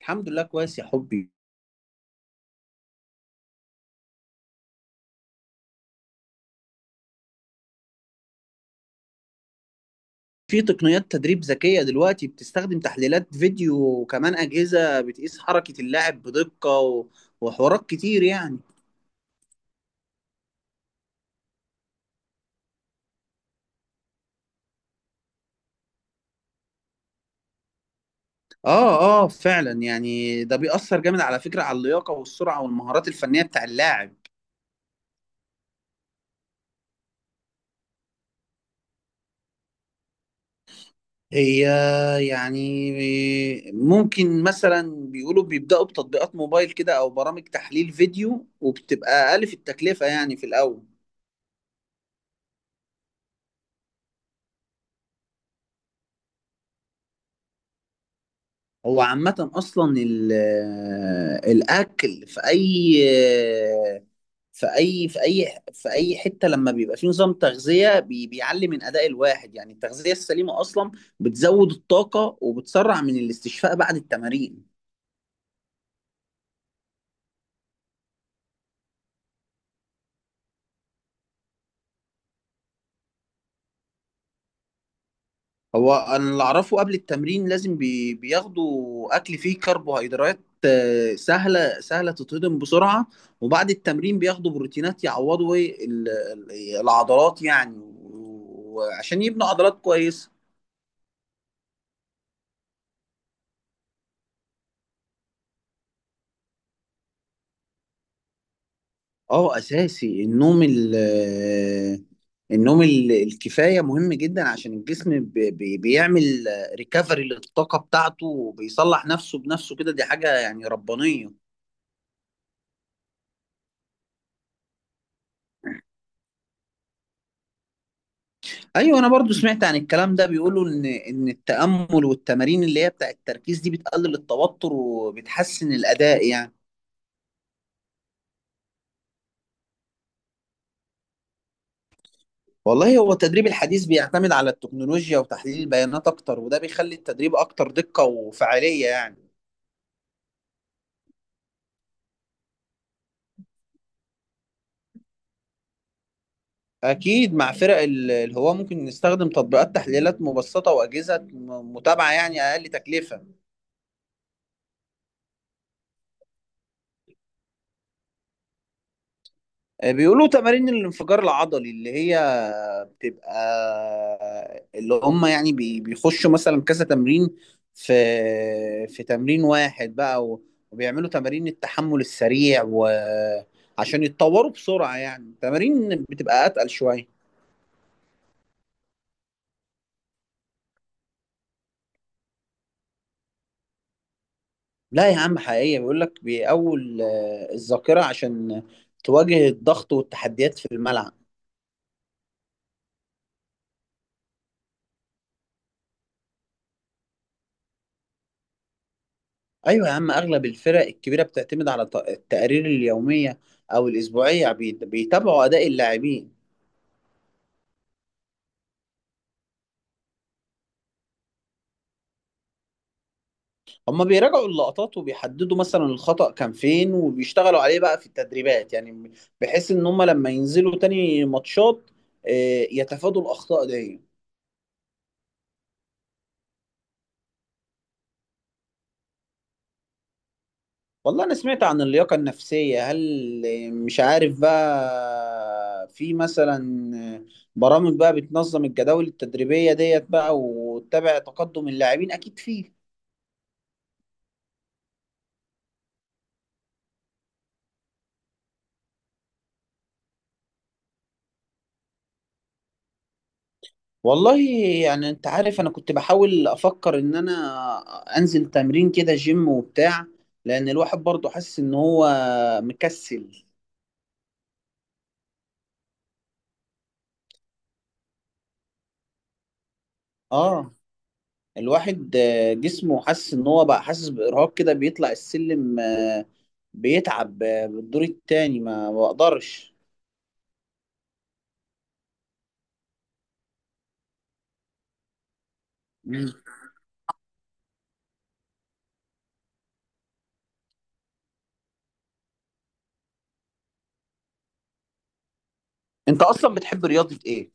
الحمد لله كويس يا حبي. في تقنيات تدريب ذكية دلوقتي بتستخدم تحليلات فيديو وكمان أجهزة بتقيس حركة اللاعب بدقة وحوارات كتير يعني. اه فعلا، يعني ده بيأثر جامد على فكرة على اللياقة والسرعة والمهارات الفنية بتاع اللاعب. هي يعني ممكن مثلا بيقولوا بيبدأوا بتطبيقات موبايل كده أو برامج تحليل فيديو وبتبقى أقل في التكلفة يعني في الأول. هو عامة أصلا الأكل في أي آه، في أي في أي حتة لما بيبقى فيه نظام تغذية بيعلي من أداء الواحد، يعني التغذية السليمة أصلا بتزود الطاقة وبتسرع من الاستشفاء بعد التمارين. هو انا اللي اعرفه قبل التمرين لازم بياخدوا اكل فيه كربوهيدرات، سهله تتهضم بسرعه. وبعد التمرين بياخدوا بروتينات يعوضوا إيه العضلات يعني، وعشان يبنوا عضلات كويسه. اه، اساسي. النوم ال... آه، النوم الكفايه مهم جدا عشان الجسم بيعمل ريكفري للطاقه بتاعته وبيصلح نفسه بنفسه كده، دي حاجه يعني ربانيه. ايوه، انا برضو سمعت عن الكلام ده، بيقولوا ان التأمل والتمارين اللي هي بتاع التركيز دي بتقلل التوتر وبتحسن الأداء يعني. والله هو التدريب الحديث بيعتمد على التكنولوجيا وتحليل البيانات اكتر، وده بيخلي التدريب اكتر دقة وفعالية يعني. اكيد مع فرق الهواة ممكن نستخدم تطبيقات تحليلات مبسطة وأجهزة متابعة يعني اقل تكلفة. بيقولوا تمارين الانفجار العضلي اللي هي بتبقى اللي هم يعني بيخشوا مثلا كذا تمرين في في تمرين واحد بقى وبيعملوا تمارين التحمل السريع، وعشان يتطوروا بسرعة يعني تمارين بتبقى أتقل شوية. لا يا عم، حقيقية، بيقول لك بيقوي الذاكرة عشان تواجه الضغط والتحديات في الملعب. ايوه يا عم، اغلب الفرق الكبيره بتعتمد على التقارير اليوميه او الاسبوعيه، بيتابعوا اداء اللاعبين. هما بيراجعوا اللقطات وبيحددوا مثلا الخطأ كان فين وبيشتغلوا عليه بقى في التدريبات، يعني بحيث ان هما لما ينزلوا تاني ماتشات يتفادوا الاخطاء دي. والله انا سمعت عن اللياقه النفسيه، هل مش عارف بقى في مثلا آه، برامج بقى بتنظم الجداول التدريبيه ديت بقى وتتابع تقدم اللاعبين، اكيد فيه. والله يعني انت عارف انا كنت بحاول افكر ان انا انزل تمرين كده جيم وبتاع، لان الواحد برضه حاسس ان هو مكسل. اه، الواحد جسمه حاسس ان هو بقى حاسس بارهاق كده، بيطلع السلم بيتعب، بالدور التاني ما بقدرش. مم. انت اصلا بتحب رياضة ايه؟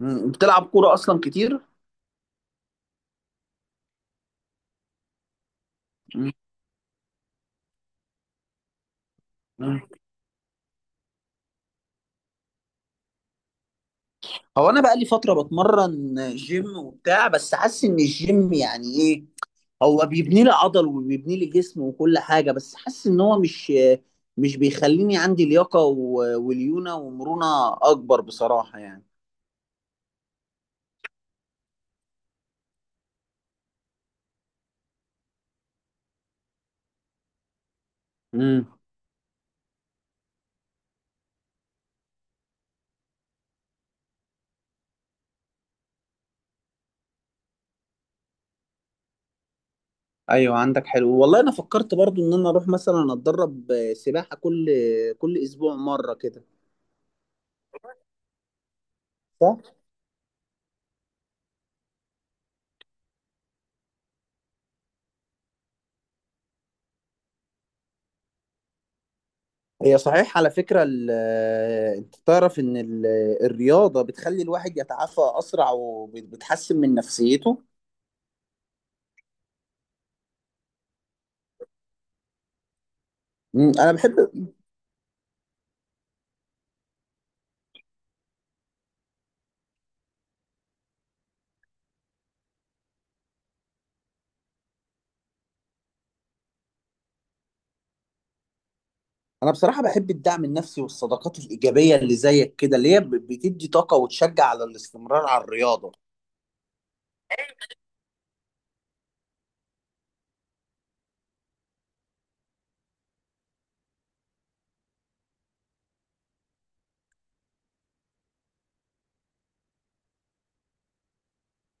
مم. بتلعب كورة اصلا كتير؟ مم. مم. هو انا بقى لي فترة بتمرن جيم وبتاع، بس حاسس ان الجيم يعني ايه، هو بيبني لي عضل وبيبني لي جسم وكل حاجة، بس حاسس ان هو مش بيخليني عندي لياقة وليونة ومرونة اكبر بصراحة يعني. امم ايوه، عندك حلو، والله انا فكرت برضو ان انا اروح مثلا اتدرب سباحة كل اسبوع مرة كده. صح. هي صحيح، على فكرة انت تعرف ان الرياضة بتخلي الواحد يتعافى اسرع وبتحسن من نفسيته. مم، انا بحب، انا بصراحه بحب الدعم النفسي والصداقات الايجابيه اللي زيك كده، اللي هي بتدي طاقه وتشجع على الاستمرار على الرياضه.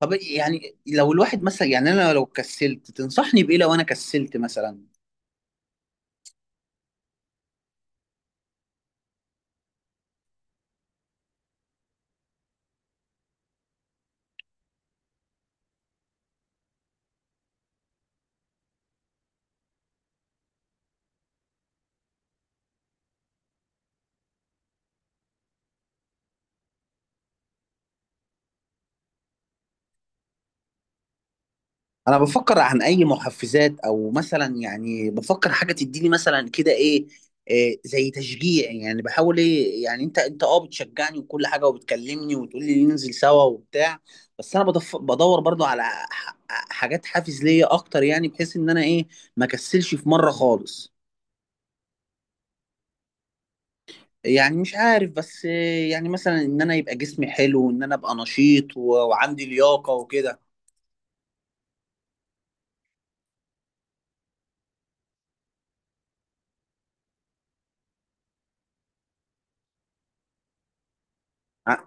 طب يعني لو الواحد مثلا، يعني انا لو كسلت تنصحني بايه؟ لو انا كسلت مثلا. انا بفكر عن اي محفزات، او مثلا يعني بفكر حاجه تديني مثلا كده ايه، إيه زي تشجيع يعني، بحاول ايه يعني، انت اه بتشجعني وكل حاجه وبتكلمني وتقول لي ننزل سوا وبتاع، بس انا بدور برضو على حاجات حافز ليا اكتر، يعني بحيث ان انا ايه، ما كسلش في مره خالص. يعني مش عارف، بس إيه يعني مثلا ان انا يبقى جسمي حلو وان انا ابقى نشيط وعندي لياقه وكده. ع-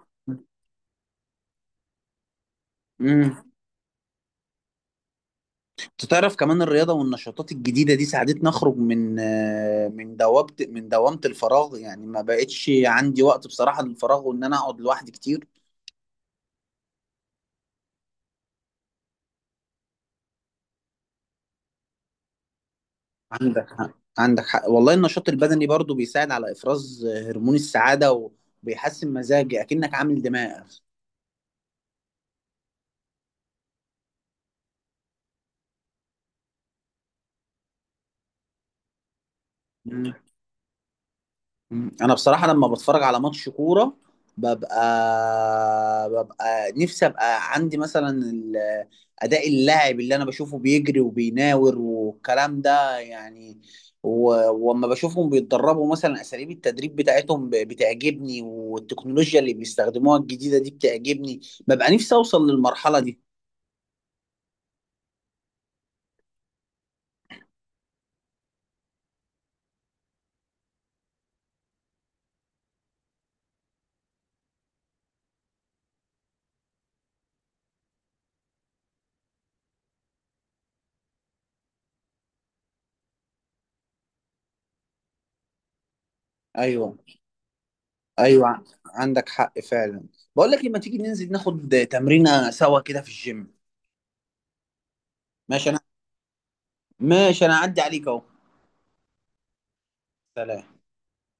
تعرف كمان الرياضة والنشاطات الجديدة دي ساعدتني أخرج من من دوامة، من دوامة الفراغ يعني، ما بقتش عندي وقت بصراحة للفراغ وإن أنا أقعد لوحدي كتير. عندك حق. عندك حق، والله النشاط البدني برضو بيساعد على إفراز هرمون السعادة وبيحسن مزاجي، أكنك عامل دماغ. مم. انا بصراحه لما بتفرج على ماتش كوره ببقى نفسي ابقى عندي مثلا اداء اللاعب اللي انا بشوفه بيجري وبيناور والكلام ده يعني، وأما بشوفهم بيتدربوا مثلا اساليب التدريب بتاعتهم بتعجبني، والتكنولوجيا اللي بيستخدموها الجديده دي بتعجبني، ببقى نفسي اوصل للمرحله دي. ايوه ايوه، عندك حق فعلا. بقول لك لما تيجي ننزل ناخد تمرينه سوا كده في الجيم. ماشي انا، ماشي انا اعدي عليك اهو. سلام.